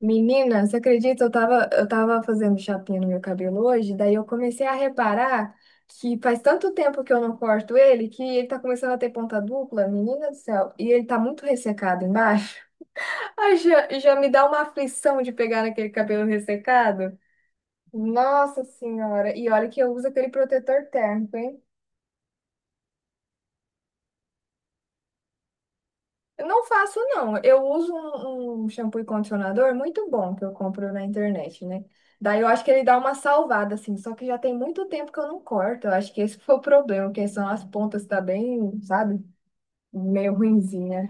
Menina, você acredita? Eu tava fazendo chapinha no meu cabelo hoje, daí eu comecei a reparar que faz tanto tempo que eu não corto ele que ele tá começando a ter ponta dupla, menina do céu, e ele tá muito ressecado embaixo. Ai, já, já me dá uma aflição de pegar naquele cabelo ressecado. Nossa Senhora! E olha que eu uso aquele protetor térmico, hein? Eu não faço, não. Eu uso um shampoo e condicionador muito bom que eu compro na internet, né? Daí eu acho que ele dá uma salvada, assim. Só que já tem muito tempo que eu não corto. Eu acho que esse foi o problema, que são as pontas tá bem, sabe? Meio ruinzinha.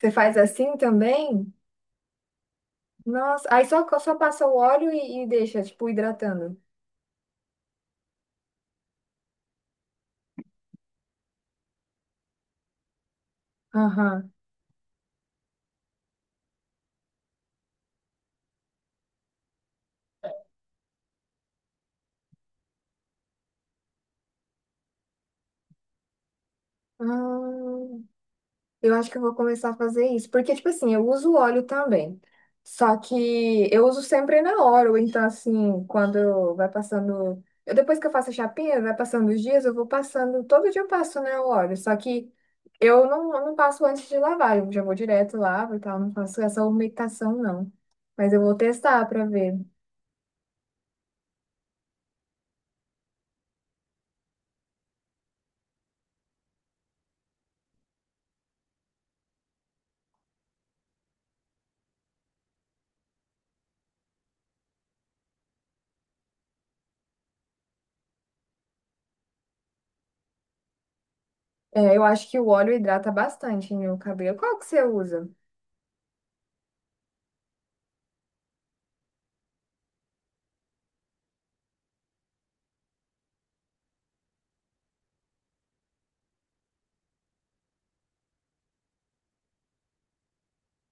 Você faz assim também? Nossa. Aí só passa o óleo e deixa, tipo, hidratando. Aham. Ah. Eu acho que eu vou começar a fazer isso, porque, tipo assim, eu uso óleo também. Só que eu uso sempre na hora, ou então, assim, quando vai passando. Eu, depois que eu faço a chapinha, vai passando os dias, eu vou passando. Todo dia eu passo, né, o óleo. Só que eu não passo antes de lavar, eu já vou direto, lavo e tal. Não faço essa umectação, não. Mas eu vou testar pra ver. É, eu acho que o óleo hidrata bastante no cabelo. Qual que você usa?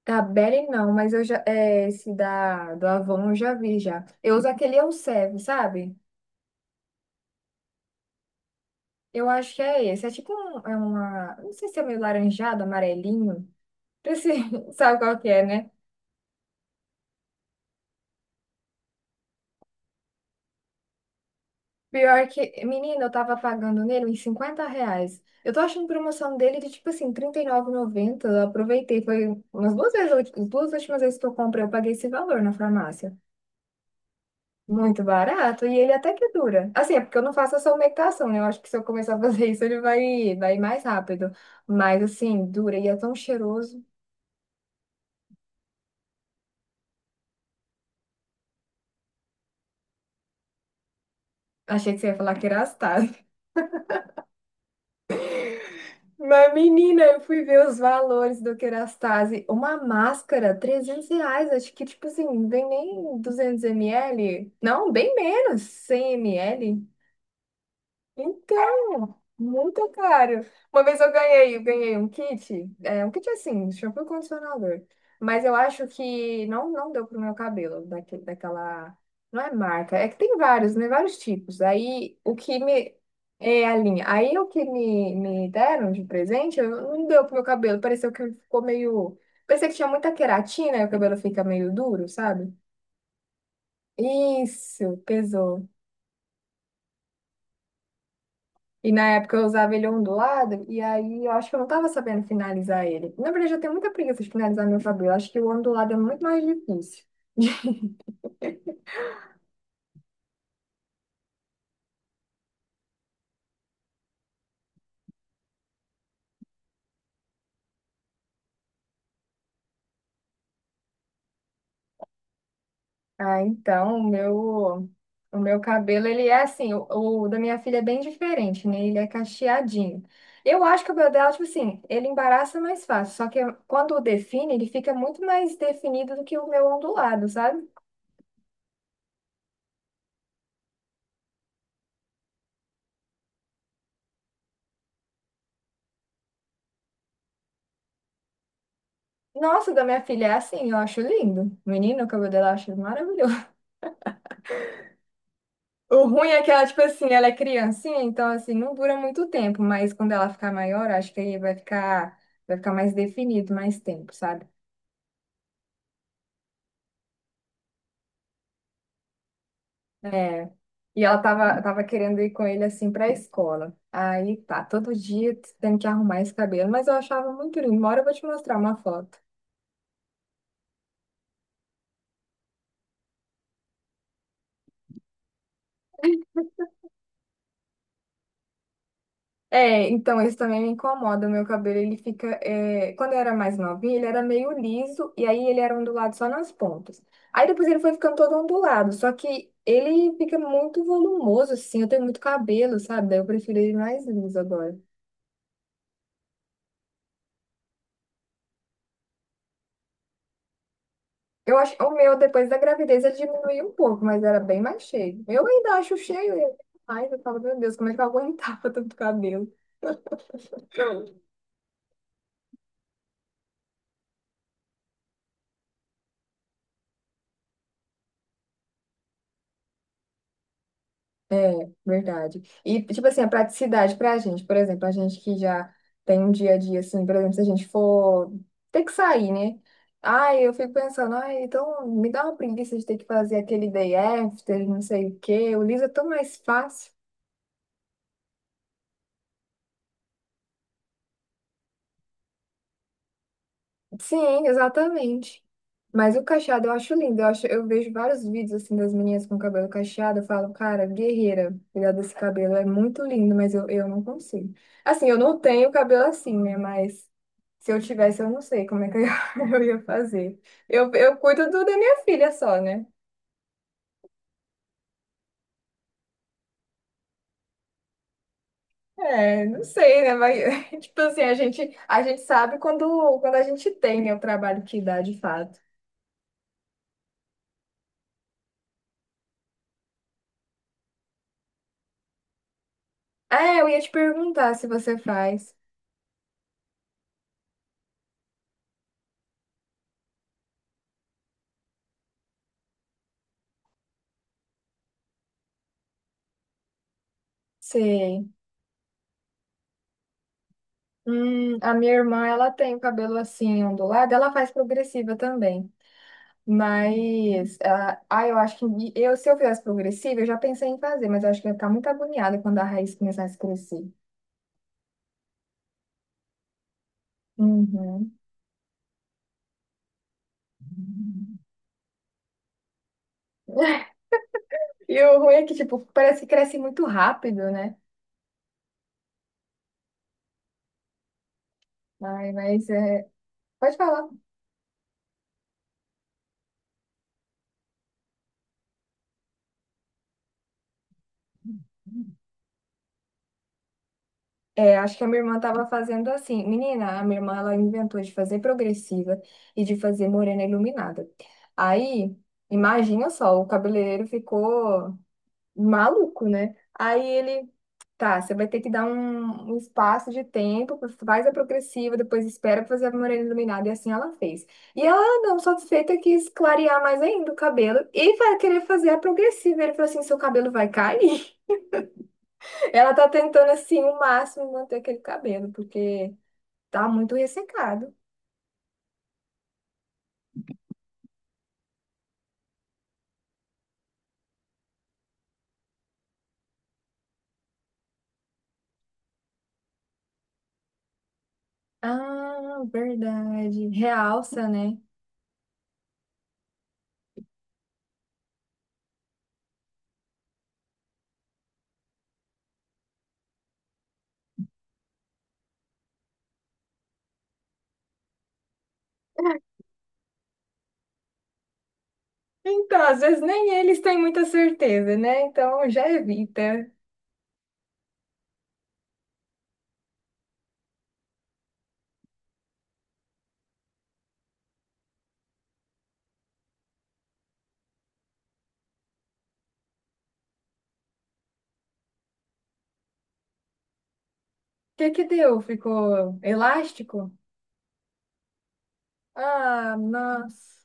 Da Beren não, mas eu já, é, esse da, do Avon eu já vi já. Eu uso aquele Elseve, sabe? Eu acho que é esse. É tipo um, é uma, não sei se é meio laranjado, amarelinho. Esse, sabe qual que é, né? Pior que, menina, eu tava pagando nele uns R$50. Eu tô achando promoção dele de tipo assim, trinta e R$39,90. Eu aproveitei, foi umas duas vezes, as duas últimas vezes que eu comprei, eu paguei esse valor na farmácia. Muito barato. E ele até que dura. Assim, é porque eu não faço essa meditação, né? Eu acho que se eu começar a fazer isso, ele vai, vai mais rápido. Mas, assim, dura e é tão cheiroso. Achei que você ia falar Kerastase. Mas, menina, eu fui ver os valores do Kerastase. Uma máscara, R$300. Acho que, tipo assim, não vem nem 200 ml. Não, bem menos, 100 ml. Então, muito caro. Uma vez eu ganhei um kit assim, shampoo e condicionador. Mas eu acho que não deu pro meu cabelo, daquele, daquela. Não é marca, é que tem vários, né? Vários tipos. Aí o que me. É a linha. Aí o que me deram de presente, eu, não deu pro meu cabelo. Pareceu que ficou meio. Parecia que tinha muita queratina e o cabelo fica meio duro, sabe? Isso, pesou. E na época eu usava ele ondulado, e aí eu acho que eu não tava sabendo finalizar ele. Na verdade, eu tenho muita preguiça de finalizar meu cabelo. Acho que o ondulado é muito mais difícil. Ah, então, o meu cabelo, ele é assim, o da minha filha é bem diferente, né? Ele é cacheadinho. Eu acho que o cabelo dela, tipo assim, ele embaraça mais fácil. Só que quando define, ele fica muito mais definido do que o meu ondulado, sabe? Nossa, o da minha filha é assim, eu acho lindo. Menino, o cabelo dela eu acho maravilhoso. O ruim é que ela, tipo assim, ela é criancinha, então assim, não dura muito tempo, mas quando ela ficar maior, acho que aí vai ficar mais definido, mais tempo, sabe? É. E ela tava querendo ir com ele assim pra escola. Aí tá, todo dia tendo que arrumar esse cabelo, mas eu achava muito lindo. Uma hora eu vou te mostrar uma foto. É, então isso também me incomoda. O meu cabelo, ele fica. Quando eu era mais novinha, ele era meio liso, e aí ele era ondulado só nas pontas. Aí depois ele foi ficando todo ondulado, só que ele fica muito volumoso, assim. Eu tenho muito cabelo, sabe? Daí eu prefiro ele mais liso agora. Eu acho. O meu, depois da gravidez, ele diminuiu um pouco, mas era bem mais cheio. Eu ainda acho cheio, e mais eu falo, meu Deus, como é que eu aguentava tanto cabelo? É, verdade. E, tipo assim, a praticidade pra gente, por exemplo, a gente que já tem um dia a dia, assim, por exemplo, se a gente for ter que sair, né? Ai, eu fico pensando, ai, então me dá uma preguiça de ter que fazer aquele day after, não sei o quê. O Lisa é tão mais fácil. Sim, exatamente. Mas o cacheado eu acho lindo. Eu acho, eu vejo vários vídeos assim das meninas com cabelo cacheado. Eu falo, cara, guerreira, cuidar desse cabelo é muito lindo, mas eu não consigo. Assim, eu não tenho cabelo assim, né? Mas se eu tivesse, eu não sei como é que eu, eu ia fazer. Eu cuido do da minha filha só, né? É, não sei, né? Mas, tipo assim, a gente sabe quando a gente tem, né, o trabalho que dá de fato. É, eu ia te perguntar se você faz. Sei. A minha irmã, ela tem o cabelo assim ondulado, ela faz progressiva também. Mas, ah, ah, eu acho que eu, se eu fizesse progressiva, eu já pensei em fazer, mas eu acho que eu ia ficar muito agoniada quando a raiz começasse a crescer. Uhum. E o ruim é que, tipo, parece que cresce muito rápido, né? Ai, mas é. Pode falar. É, acho que a minha irmã estava fazendo assim. Menina, a minha irmã ela inventou de fazer progressiva e de fazer morena iluminada. Aí, imagina só, o cabeleireiro ficou maluco, né? Aí ele, tá, você vai ter que dar um espaço de tempo, faz a progressiva, depois espera pra fazer a morena iluminada. E assim ela fez. E ela, "Ah, não satisfeita, quis clarear mais ainda o cabelo e vai querer fazer a progressiva. Ele falou assim: seu cabelo vai cair. Ela tá tentando, assim, o máximo manter aquele cabelo, porque. Tá muito ressecado. Ah, verdade. Realça, né? Então, às vezes nem eles têm muita certeza, né? Então já evita. O que que deu? Ficou elástico? Ah, nossa.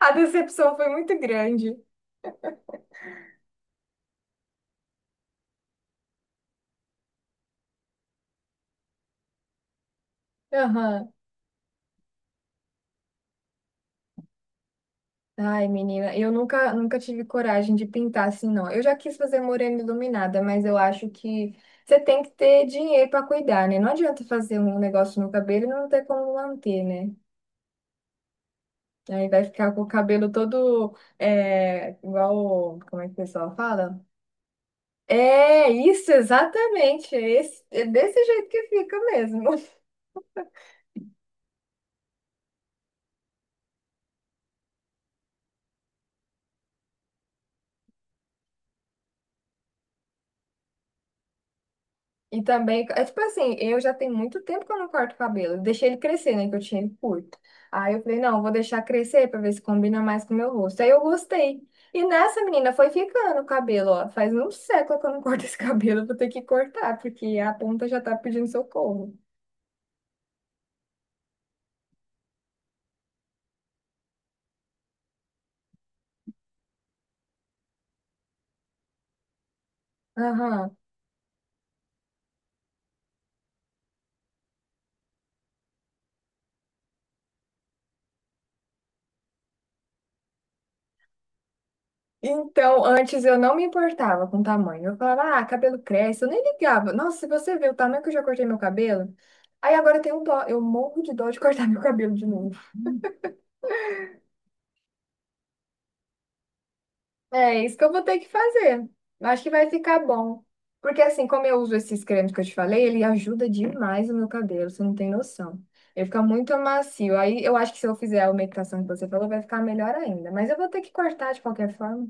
A decepção foi muito grande. Aham. Ai, menina, eu nunca, nunca tive coragem de pintar assim, não. Eu já quis fazer morena iluminada, mas eu acho que você tem que ter dinheiro para cuidar, né? Não adianta fazer um negócio no cabelo e não ter como manter, né? Aí vai ficar com o cabelo todo é, igual. Como é que o pessoal fala? É isso, exatamente. É, esse- é desse jeito que fica mesmo. E também, é tipo assim, eu já tenho muito tempo que eu não corto o cabelo. Eu deixei ele crescer, né? Que eu tinha ele curto. Aí eu falei, não, eu vou deixar crescer pra ver se combina mais com o meu rosto. Aí eu gostei. E nessa menina foi ficando o cabelo, ó. Faz um século que eu não corto esse cabelo, eu vou ter que cortar, porque a ponta já tá pedindo socorro. Aham. Então, antes eu não me importava com o tamanho. Eu falava, ah, cabelo cresce. Eu nem ligava. Nossa, se você vê o tamanho que eu já cortei meu cabelo. Aí agora eu tenho um dó. Eu morro de dó de cortar meu cabelo de novo. É isso que eu vou ter que fazer. Eu acho que vai ficar bom. Porque assim, como eu uso esses cremes que eu te falei, ele ajuda demais o meu cabelo. Você não tem noção. Ele fica muito macio. Aí eu acho que se eu fizer a umectação que você falou, vai ficar melhor ainda. Mas eu vou ter que cortar de qualquer forma.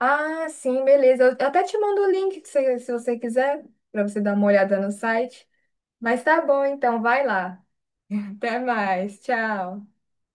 Ah, sim, beleza. Eu até te mando o link que se você quiser, para você dar uma olhada no site. Mas tá bom, então, vai lá. Até mais. Tchau.